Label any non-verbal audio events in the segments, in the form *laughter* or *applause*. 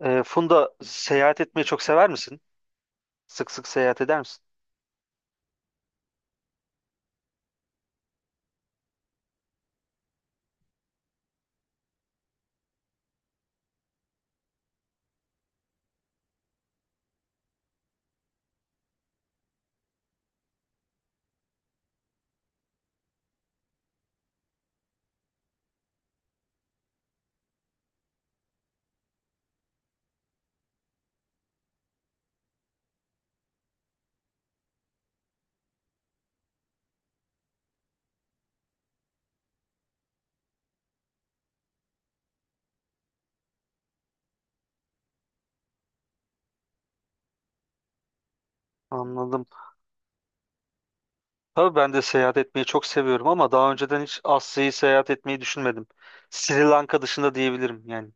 Funda, seyahat etmeyi çok sever misin? Sık sık seyahat eder misin? Anladım. Tabii ben de seyahat etmeyi çok seviyorum ama daha önceden hiç Asya'yı seyahat etmeyi düşünmedim. Sri Lanka dışında diyebilirim yani.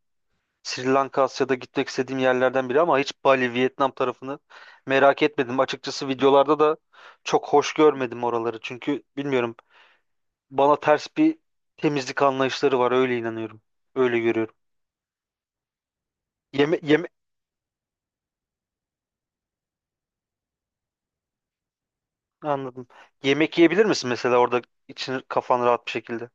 Sri Lanka Asya'da gitmek istediğim yerlerden biri ama hiç Bali, Vietnam tarafını merak etmedim. Açıkçası videolarda da çok hoş görmedim oraları. Çünkü bilmiyorum, bana ters bir temizlik anlayışları var, öyle inanıyorum. Öyle görüyorum. Yeme, yeme, anladım. Yemek yiyebilir misin mesela orada, için kafan rahat bir şekilde?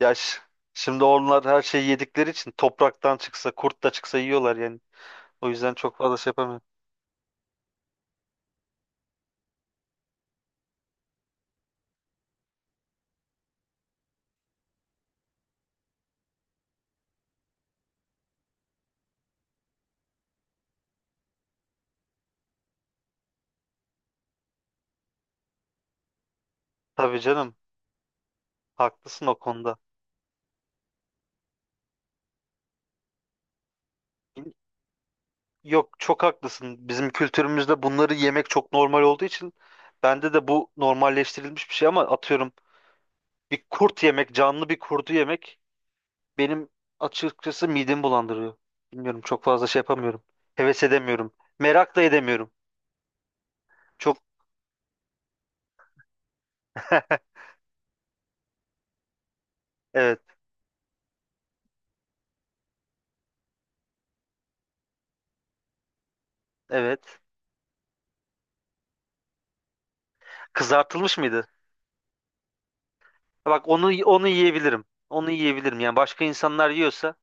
Ya ş- Şimdi onlar her şeyi yedikleri için topraktan çıksa kurt da çıksa yiyorlar yani. O yüzden çok fazla şey yapamıyorum. Tabii canım, haklısın o konuda. Yok, çok haklısın. Bizim kültürümüzde bunları yemek çok normal olduğu için bende de bu normalleştirilmiş bir şey ama atıyorum, bir kurt yemek, canlı bir kurdu yemek benim açıkçası midemi bulandırıyor. Bilmiyorum, çok fazla şey yapamıyorum. Heves edemiyorum. Merak da edemiyorum. Çok *laughs* evet, evet. Kızartılmış mıydı? Bak, onu yiyebilirim. Onu yiyebilirim. Yani başka insanlar yiyorsa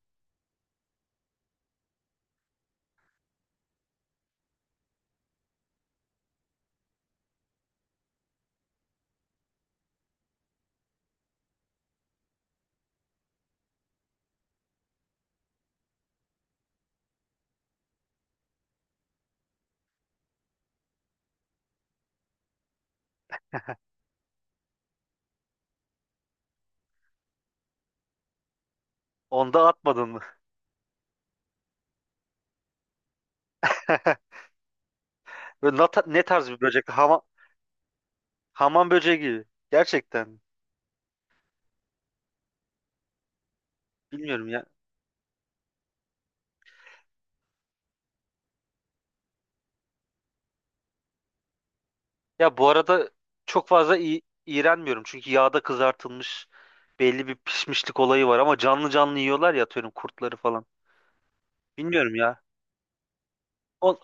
onda atmadın mı? *laughs* Böyle ne, ne tarz bir böcek? Hamam böceği gibi. Gerçekten. Bilmiyorum ya. Ya bu arada çok fazla iğrenmiyorum. Çünkü yağda kızartılmış, belli bir pişmişlik olayı var ama canlı canlı yiyorlar ya, atıyorum kurtları falan. Bilmiyorum ya. O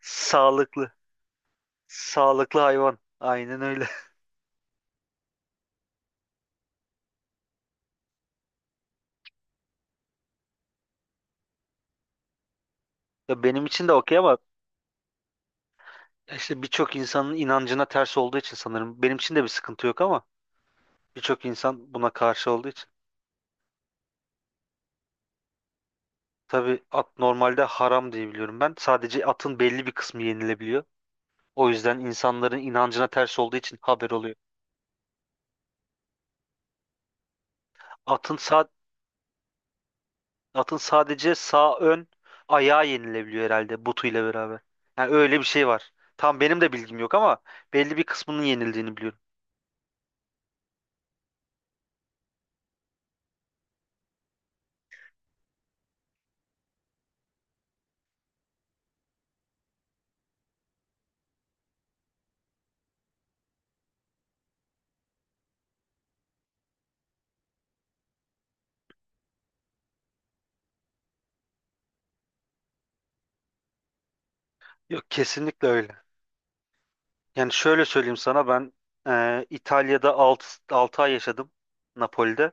sağlıklı. Sağlıklı hayvan. Aynen öyle. *laughs* Ya benim için de okey ama işte birçok insanın inancına ters olduğu için sanırım. Benim için de bir sıkıntı yok ama birçok insan buna karşı olduğu için. Tabii at normalde haram diye biliyorum ben. Sadece atın belli bir kısmı yenilebiliyor. O yüzden insanların inancına ters olduğu için haber oluyor. Atın sağ atın sadece sağ ön ayağı yenilebiliyor herhalde, butuyla beraber. Yani öyle bir şey var. Tam benim de bilgim yok ama belli bir kısmının yenildiğini biliyorum. Yok, kesinlikle öyle. Yani şöyle söyleyeyim sana, ben İtalya'da 6 ay yaşadım, Napoli'de.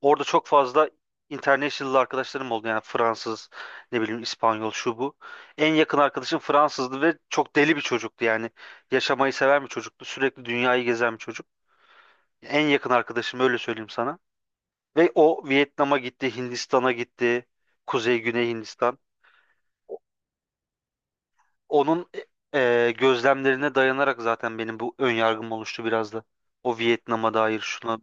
Orada çok fazla international arkadaşlarım oldu. Yani Fransız, ne bileyim, İspanyol, şu bu. En yakın arkadaşım Fransızdı ve çok deli bir çocuktu. Yani yaşamayı seven bir çocuktu. Sürekli dünyayı gezen bir çocuk. En yakın arkadaşım, öyle söyleyeyim sana. Ve o Vietnam'a gitti, Hindistan'a gitti. Kuzey, Güney Hindistan. O- Onun gözlemlerine dayanarak zaten benim bu ön yargım oluştu biraz da. O Vietnam'a dair şuna.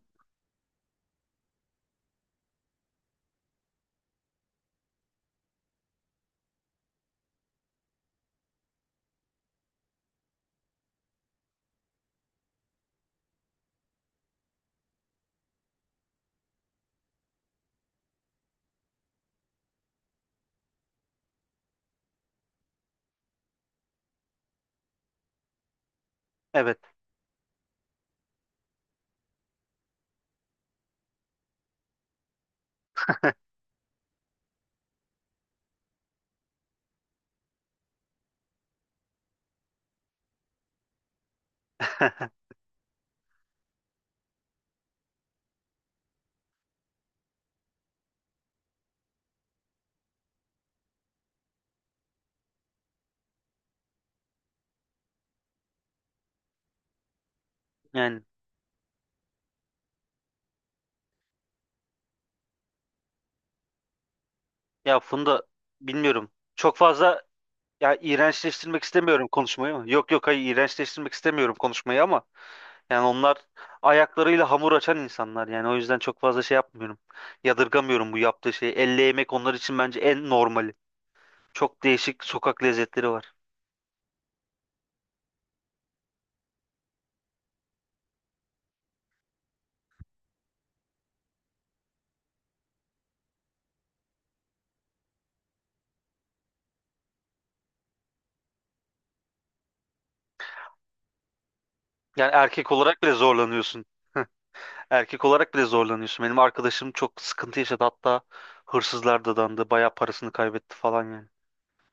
Evet. *laughs* Yani, ya Funda, bilmiyorum. Çok fazla, ya iğrençleştirmek istemiyorum konuşmayı ama. Yok yok, hayır, iğrençleştirmek istemiyorum konuşmayı ama yani onlar ayaklarıyla hamur açan insanlar, yani o yüzden çok fazla şey yapmıyorum. Yadırgamıyorum bu yaptığı şeyi. Elle yemek onlar için bence en normali. Çok değişik sokak lezzetleri var. Yani erkek olarak bile zorlanıyorsun. *laughs* Erkek olarak bile zorlanıyorsun. Benim arkadaşım çok sıkıntı yaşadı hatta, hırsızlar dadandı, bayağı parasını kaybetti falan yani.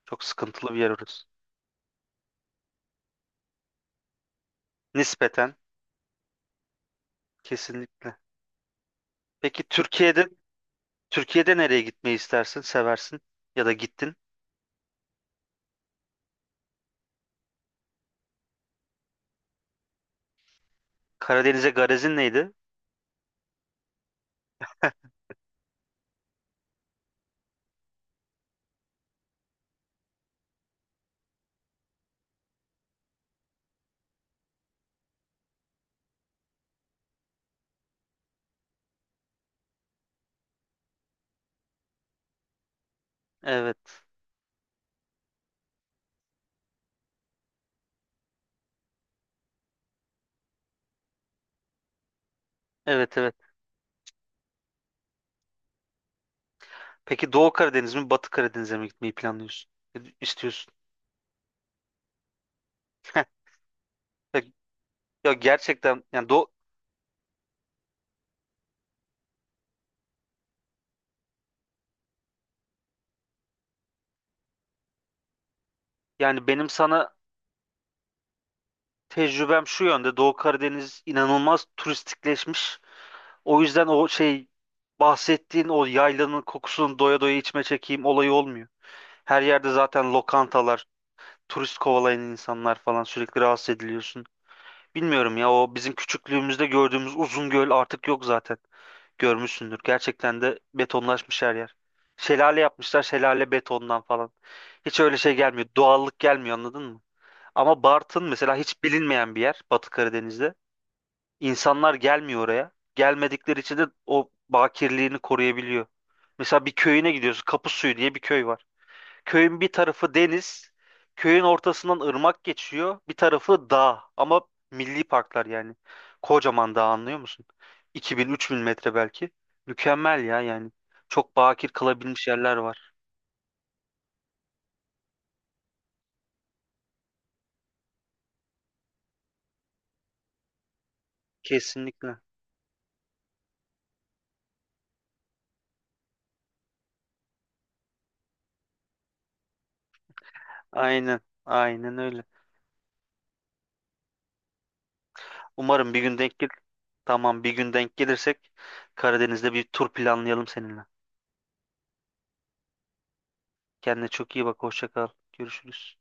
Çok sıkıntılı bir yer orası. Nispeten, kesinlikle. Peki Türkiye'de Türkiye'de nereye gitmeyi istersin, seversin ya da gittin? Karadeniz'e garezin neydi? Evet. Evet, evet. Peki Doğu Karadeniz mi, Batı Karadeniz'e mi gitmeyi planlıyorsun? İstiyorsun. *laughs* Ya, ya gerçekten, yani Doğu, yani benim sana tecrübem şu yönde, Doğu Karadeniz inanılmaz turistikleşmiş. O yüzden o şey bahsettiğin o yaylanın kokusunu doya doya içme çekeyim olayı olmuyor. Her yerde zaten lokantalar, turist kovalayan insanlar falan, sürekli rahatsız ediliyorsun. Bilmiyorum ya, o bizim küçüklüğümüzde gördüğümüz uzun göl artık yok zaten. Görmüşsündür. Gerçekten de betonlaşmış her yer. Şelale yapmışlar, şelale betondan falan. Hiç öyle şey gelmiyor. Doğallık gelmiyor, anladın mı? Ama Bartın mesela hiç bilinmeyen bir yer, Batı Karadeniz'de. İnsanlar gelmiyor oraya. Gelmedikleri için de o bakirliğini koruyabiliyor. Mesela bir köyüne gidiyorsun. Kapısuyu diye bir köy var. Köyün bir tarafı deniz, köyün ortasından ırmak geçiyor, bir tarafı dağ ama milli parklar yani. Kocaman dağ, anlıyor musun? 2000-3000 metre belki. Mükemmel ya yani. Çok bakir kalabilmiş yerler var. Kesinlikle. Aynen. Aynen öyle. Umarım bir gün denk gel. Tamam, bir gün denk gelirsek Karadeniz'de bir tur planlayalım seninle. Kendine çok iyi bak. Hoşça kal. Görüşürüz.